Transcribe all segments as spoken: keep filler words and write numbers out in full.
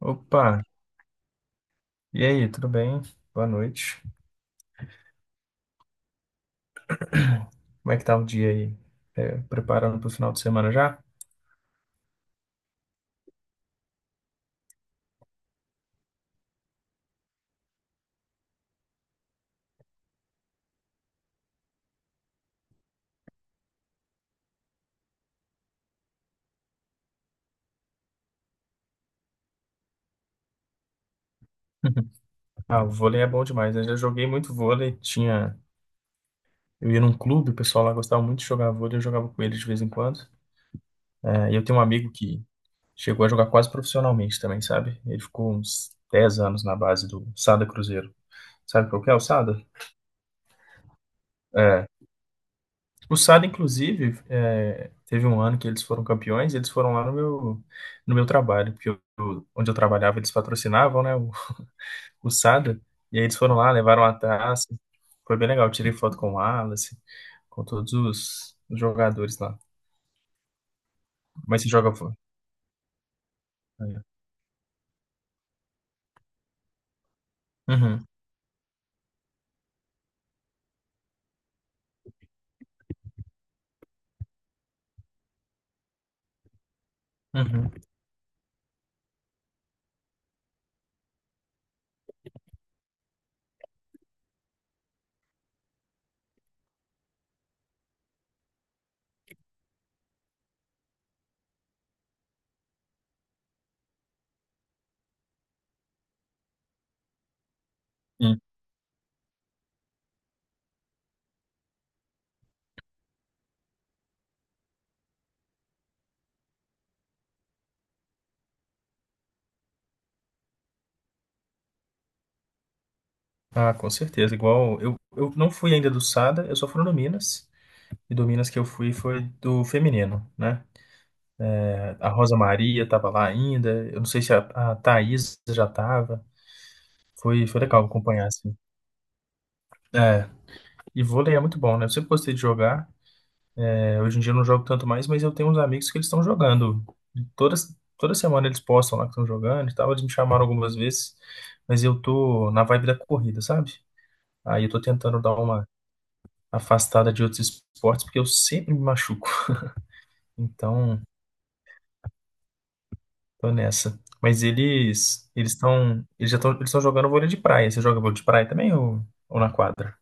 Opa, e aí, tudo bem? Boa noite. Como é que tá o dia aí? É, preparando para o final de semana já? Ah, o vôlei é bom demais, né? Eu já joguei muito vôlei, tinha. Eu ia num clube, o pessoal lá gostava muito de jogar vôlei, eu jogava com eles de vez em quando. É, e eu tenho um amigo que chegou a jogar quase profissionalmente também, sabe? Ele ficou uns dez anos na base do Sada Cruzeiro. Sabe qual que é o Sada? É. O Sada, inclusive, é, teve um ano que eles foram campeões, e eles foram lá no meu, no meu trabalho, porque eu- eu- onde eu trabalhava eles patrocinavam, né, o, o Sada, e aí eles foram lá, levaram a taça, foi bem legal, eu tirei foto com o Wallace, com todos os, os jogadores lá. Mas se joga... fo- É. Uhum, uhum. Ah, com certeza. Igual eu, eu não fui ainda do Sada, eu só fui no Minas. E do Minas que eu fui foi do feminino, né? É, a Rosa Maria estava lá ainda. Eu não sei se a, a Thaís já estava. Foi, foi legal acompanhar, assim. É, e vôlei é muito bom, né? Eu sempre gostei de jogar. É, hoje em dia eu não jogo tanto mais, mas eu tenho uns amigos que eles estão jogando. E todas, toda semana eles postam lá que estão jogando e tal. Eles me chamaram algumas vezes, mas eu tô na vibe da corrida, sabe? Aí eu tô tentando dar uma afastada de outros esportes, porque eu sempre me machuco. Então, tô nessa. Mas eles eles estão eles já estão eles estão jogando vôlei de praia. Você joga vôlei de praia também, ou, ou na quadra?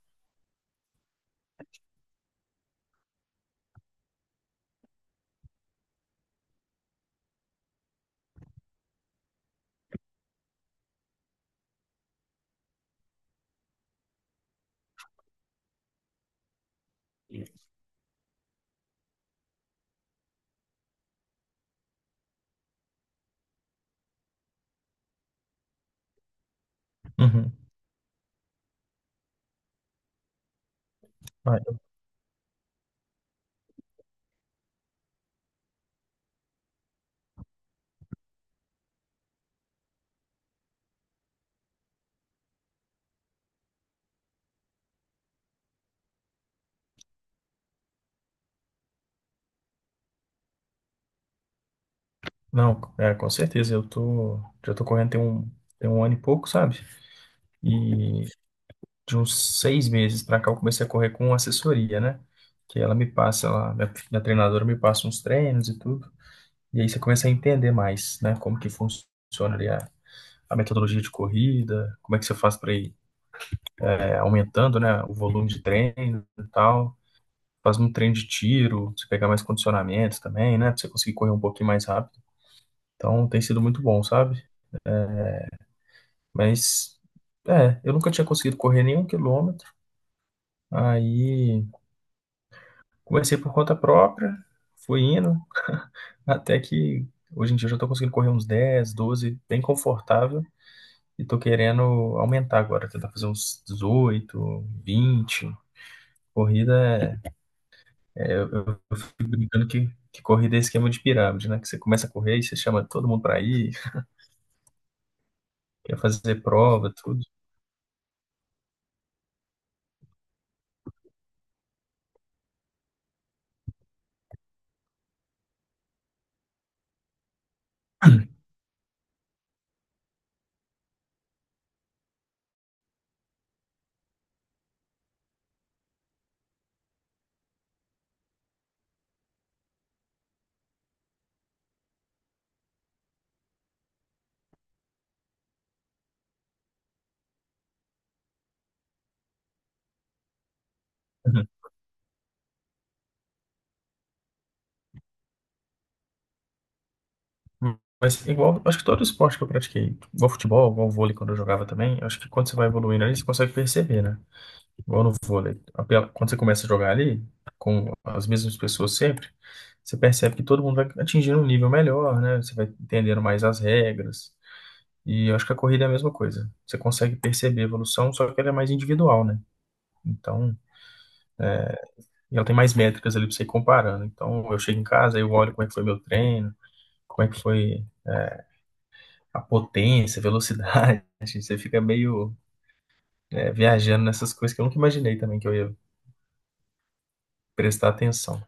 Uhum. Ah, eu- não, é, com certeza. Eu tô, já tô correndo tem um, tem um ano e pouco, sabe? E de uns seis meses pra cá eu comecei a correr com assessoria, né? Que ela me passa, ela, minha, minha treinadora me passa uns treinos e tudo. E aí você começa a entender mais, né? Como que funciona ali a a metodologia de corrida, como é que você faz para ir é, aumentando, né, o volume de treino e tal. Faz um treino de tiro, você pegar mais condicionamentos também, né, para você conseguir correr um pouquinho mais rápido. Então tem sido muito bom, sabe? Mas é, eu nunca tinha conseguido correr nenhum quilômetro. Aí comecei por conta própria, fui indo, até que hoje em dia eu já tô conseguindo correr uns dez, doze, bem confortável. E tô querendo aumentar agora, tentar fazer uns dezoito, vinte. Corrida é. é, eu, eu- eu fico brincando que, que corrida é esquema de pirâmide, né? Que você começa a correr e você chama todo mundo pra ir, quer fazer prova, tudo. Uhum. Mas igual, acho que todo esporte que eu pratiquei, igual futebol, igual vôlei quando eu jogava também, acho que quando você vai evoluindo ali, você consegue perceber, né? Igual no vôlei. a pe- Quando você começa a jogar ali, com as mesmas pessoas sempre, você percebe que todo mundo vai atingindo um nível melhor, né? Você vai entendendo mais as regras. E eu acho que a corrida é a mesma coisa. Você consegue perceber a evolução, só que ela é mais individual, né? Então, e ela tem mais métricas ali para você ir comparando. Então, eu chego em casa, eu olho como é que foi meu treino, como é que foi é, a potência, a velocidade. Você fica meio é, viajando nessas coisas que eu nunca imaginei também que eu ia prestar atenção.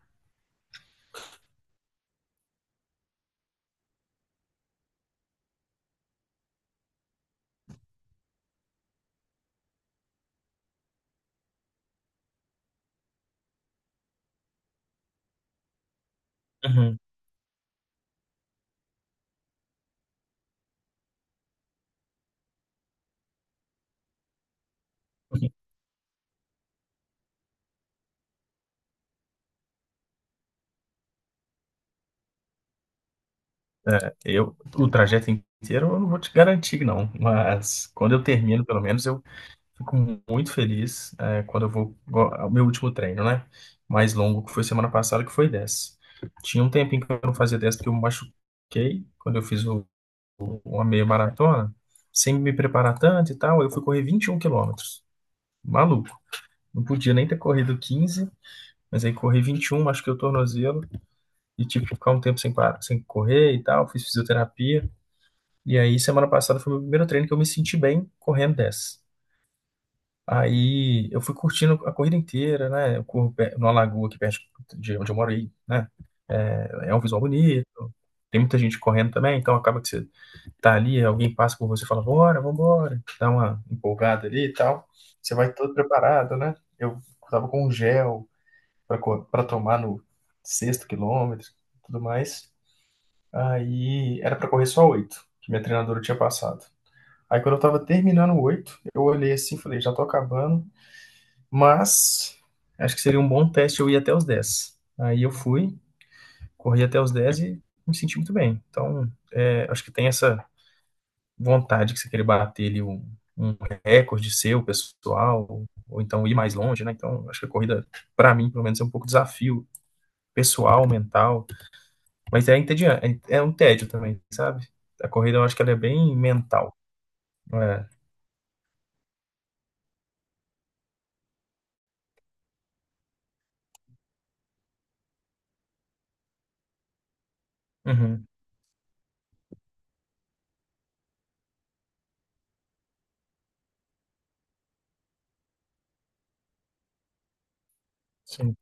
Uhum. É, eu, o trajeto inteiro eu não vou te garantir, não. Mas quando eu termino, pelo menos, eu fico muito feliz é, quando eu vou. O meu último treino, né? Mais longo, que foi semana passada, que foi dez. Tinha um tempinho que eu não fazia dez porque eu me machuquei quando eu fiz o- uma meia maratona, sem me preparar tanto e tal. Eu fui correr vinte e um quilômetros. Maluco. Não podia nem ter corrido quinze, mas aí corri vinte e um, machuquei o tornozelo e tive que ficar um tempo sem, parar, sem correr e tal. Fiz fisioterapia. E aí, semana passada foi o meu primeiro treino que eu me senti bem correndo dez. Aí eu fui curtindo a corrida inteira, né? Eu corro pe- numa lagoa aqui perto de onde eu moro aí, né? É um visual bonito, tem muita gente correndo também, então acaba que você tá ali, alguém passa por você e fala, bora, vambora, dá uma empolgada ali e tal. Você vai todo preparado, né? Eu tava com um gel pra co- pra tomar no sexto quilômetro e tudo mais. Aí era pra correr só oito, que minha treinadora tinha passado. Aí quando eu tava terminando o oito, eu olhei assim e falei, já tô acabando. Mas acho que seria um bom teste eu ir até os dez. Aí eu fui, corri até os dez e me senti muito bem. Então, é, acho que tem essa vontade que você querer bater ali um, um recorde seu, pessoal, ou, ou então ir mais longe, né? Então, acho que a corrida, para mim, pelo menos, é um pouco desafio pessoal, mental. Mas é entediante, é um tédio também, sabe? A corrida, eu acho que ela é bem mental. É. Uhum, sim.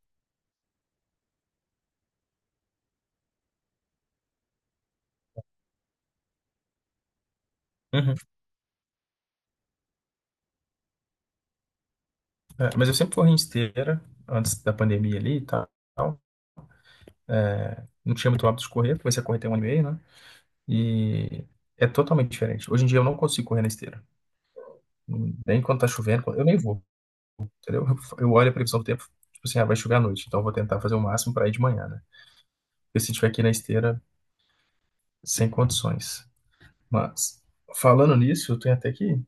Uhum. É, mas eu sempre corri em esteira, antes da pandemia ali e tal. Não tinha muito hábito de correr, comecei a correr tem um ano e meio, né? E é totalmente diferente. Hoje em dia eu não consigo correr na esteira. Nem quando tá chovendo, quando- eu nem vou, entendeu? Eu olho a previsão do tempo, tipo assim, ah, vai chover à noite, então eu vou tentar fazer o máximo para ir de manhã, né? Porque se tiver aqui na esteira, sem condições. Mas, falando nisso, eu tenho até que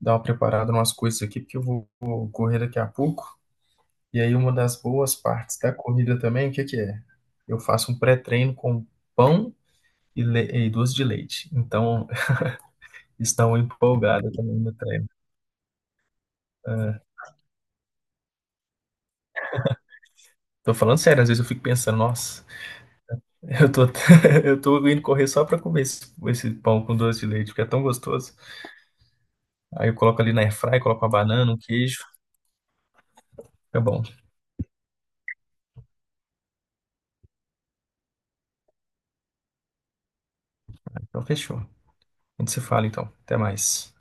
dar uma preparada em umas coisas aqui, porque eu vou vou correr daqui a pouco. E aí, uma das boas partes da corrida também, o que que é? Eu faço um pré-treino com pão e, le- e doce de leite. Então, estão empolgadas também no treino. É. Tô falando sério, às vezes eu fico pensando, nossa, eu tô, eu tô indo correr só pra comer esse, esse pão com doce de leite, porque é tão gostoso. Aí eu coloco ali na airfry, coloco uma banana, um queijo, fica bom. Então fechou. A gente se fala então. Até mais.